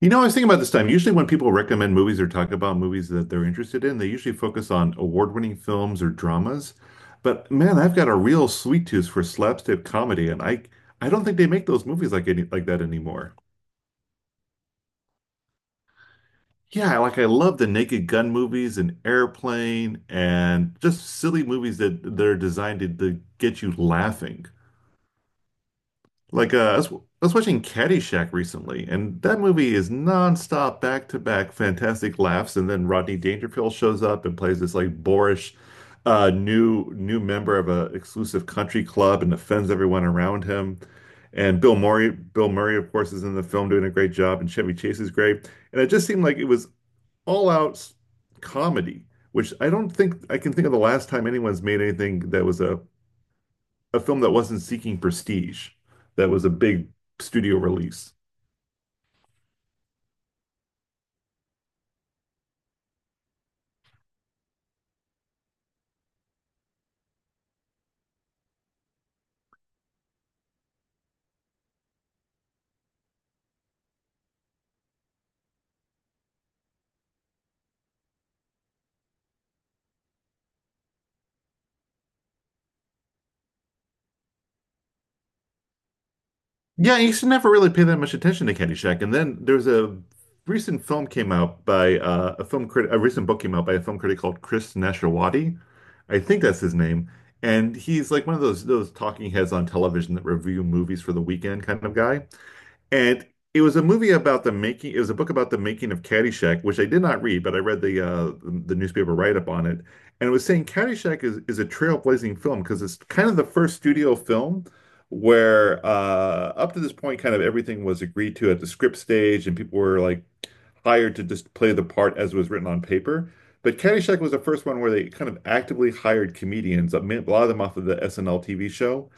You know, I was thinking about this time. Usually, when people recommend movies or talk about movies that they're interested in, they usually focus on award-winning films or dramas. But man, I've got a real sweet tooth for slapstick comedy, and I don't think they make those movies like any like that anymore. Yeah, like I love the Naked Gun movies and Airplane and just silly movies that are designed to get you laughing. Like I was watching Caddyshack recently, and that movie is nonstop, back to back, fantastic laughs, and then Rodney Dangerfield shows up and plays this like boorish new member of a exclusive country club and offends everyone around him. And Bill Murray, of course, is in the film doing a great job, and Chevy Chase is great. And it just seemed like it was all out s- comedy, which I don't think I can think of the last time anyone's made anything that was a film that wasn't seeking prestige, that was a big studio release. Yeah, you should never really pay that much attention to Caddyshack. And then there's a recent film came out by a film critic, a recent book came out by a film critic called Chris Nashawaty. I think that's his name. And he's like one of those talking heads on television that review movies for the weekend kind of guy. And it was a book about the making of Caddyshack, which I did not read, but I read the newspaper write-up on it. And it was saying Caddyshack is a trailblazing film because it's kind of the first studio film where up to this point, kind of everything was agreed to at the script stage and people were like hired to just play the part as it was written on paper. But Caddyshack was the first one where they kind of actively hired comedians, a lot of them off of the SNL TV show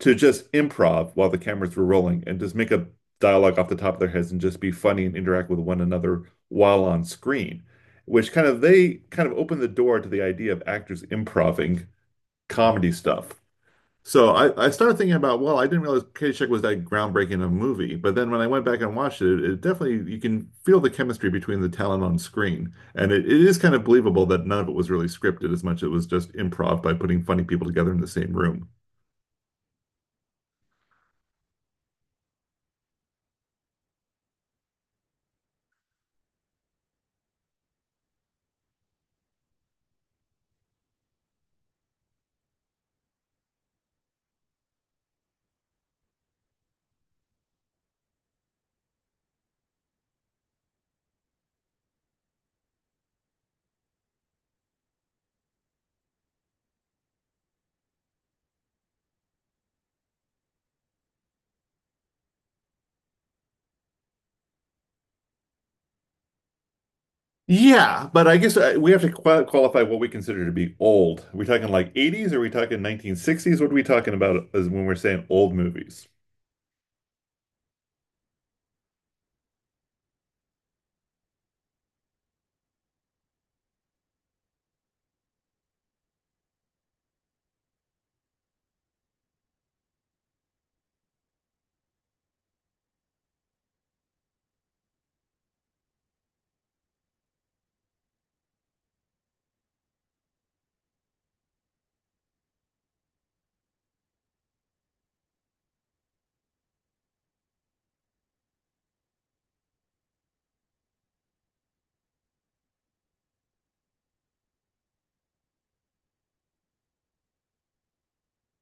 to just improv while the cameras were rolling and just make a dialogue off the top of their heads and just be funny and interact with one another while on screen, which they kind of opened the door to the idea of actors improving comedy stuff. So I started thinking about, well, I didn't realize Caddyshack was that groundbreaking of a movie. But then when I went back and watched it, it definitely, you can feel the chemistry between the talent on screen. And it is kind of believable that none of it was really scripted as much as it was just improv by putting funny people together in the same room. Yeah, but I guess we have to qualify what we consider to be old. Are we talking like 80s? Are we talking 1960s? What are we talking about as when we're saying old movies?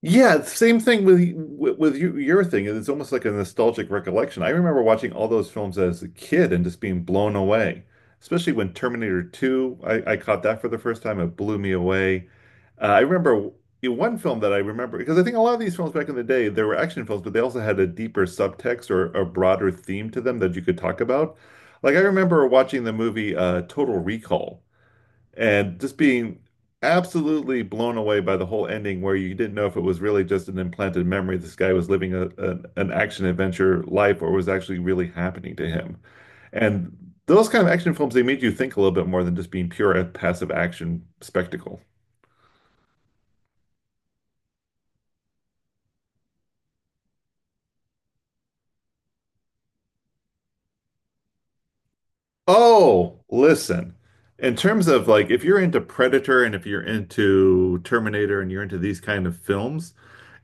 Yeah, same thing with you, your thing. It's almost like a nostalgic recollection. I remember watching all those films as a kid and just being blown away. Especially when Terminator 2, I caught that for the first time. It blew me away. I remember in one film that I remember because I think a lot of these films back in the day, there were action films, but they also had a deeper subtext or a broader theme to them that you could talk about. Like I remember watching the movie Total Recall and just being absolutely blown away by the whole ending where you didn't know if it was really just an implanted memory. This guy was living an action adventure life or was actually really happening to him. And those kind of action films, they made you think a little bit more than just being pure passive action spectacle. Oh, listen. In terms of like, if you're into Predator and if you're into Terminator and you're into these kind of films,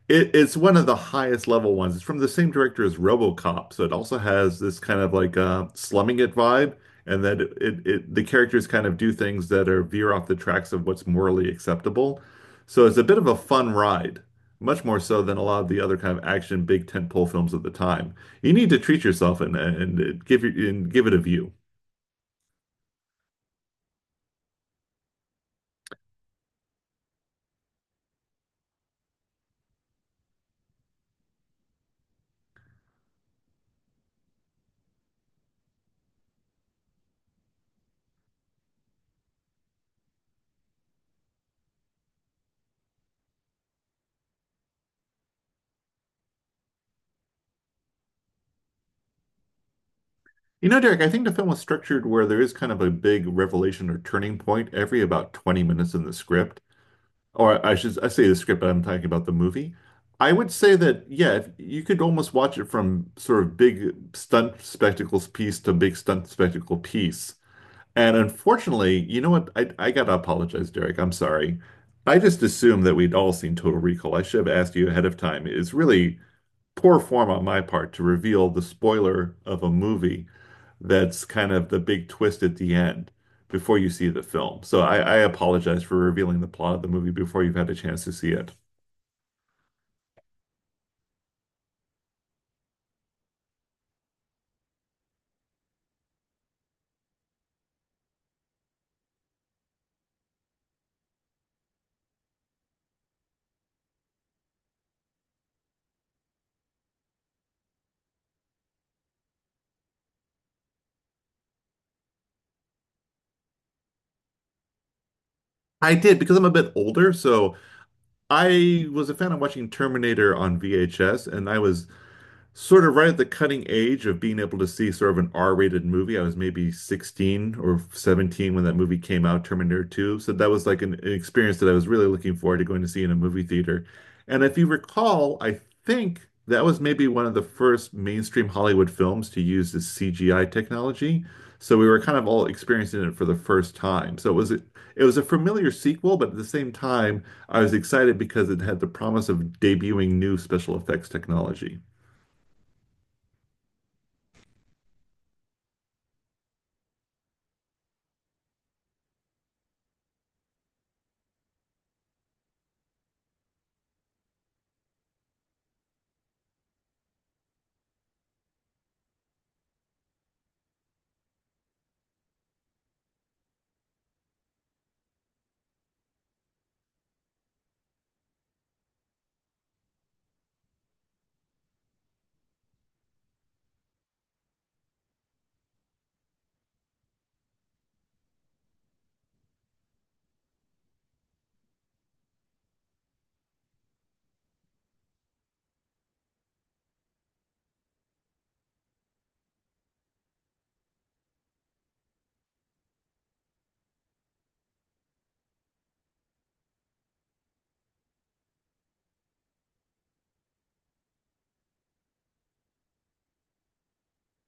it's one of the highest level ones. It's from the same director as RoboCop, so it also has this kind of like slumming it vibe, and that it the characters kind of do things that are veer off the tracks of what's morally acceptable. So it's a bit of a fun ride, much more so than a lot of the other kind of action big tentpole films of the time. You need to treat yourself and and give and give it a view. You know, Derek, I think the film was structured where there is kind of a big revelation or turning point every about 20 minutes in the script. Or I should I say the script, But I'm talking about the movie. I would say that yeah, if, you could almost watch it from sort of big stunt spectacles piece to big stunt spectacle piece. And unfortunately, you know what? I gotta apologize, Derek. I'm sorry. I just assumed that we'd all seen Total Recall. I should have asked you ahead of time. It's really poor form on my part to reveal the spoiler of a movie that's kind of the big twist at the end before you see the film. So I apologize for revealing the plot of the movie before you've had a chance to see it. I did because I'm a bit older, so I was a fan of watching Terminator on VHS, and I was sort of right at the cutting edge of being able to see sort of an R-rated movie. I was maybe 16 or 17 when that movie came out, Terminator 2. So that was like an experience that I was really looking forward to going to see in a movie theater. And if you recall, I think that was maybe one of the first mainstream Hollywood films to use this CGI technology. So we were kind of all experiencing it for the first time. So it was it was a familiar sequel, but at the same time, I was excited because it had the promise of debuting new special effects technology.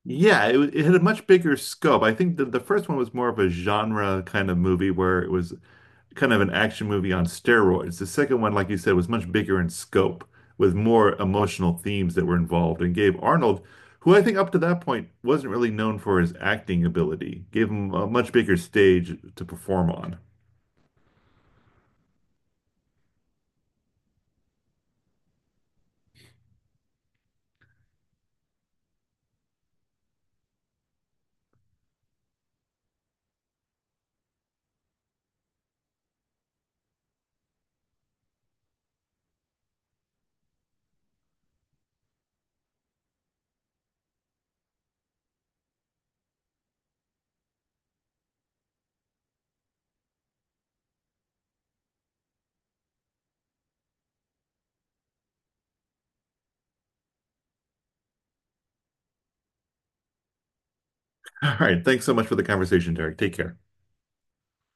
It had a much bigger scope. I think the first one was more of a genre kind of movie where it was kind of an action movie on steroids. The second one, like you said, was much bigger in scope with more emotional themes that were involved and gave Arnold, who I think up to that point wasn't really known for his acting ability, gave him a much bigger stage to perform on. All right, thanks so much for the conversation, Derek. Take care.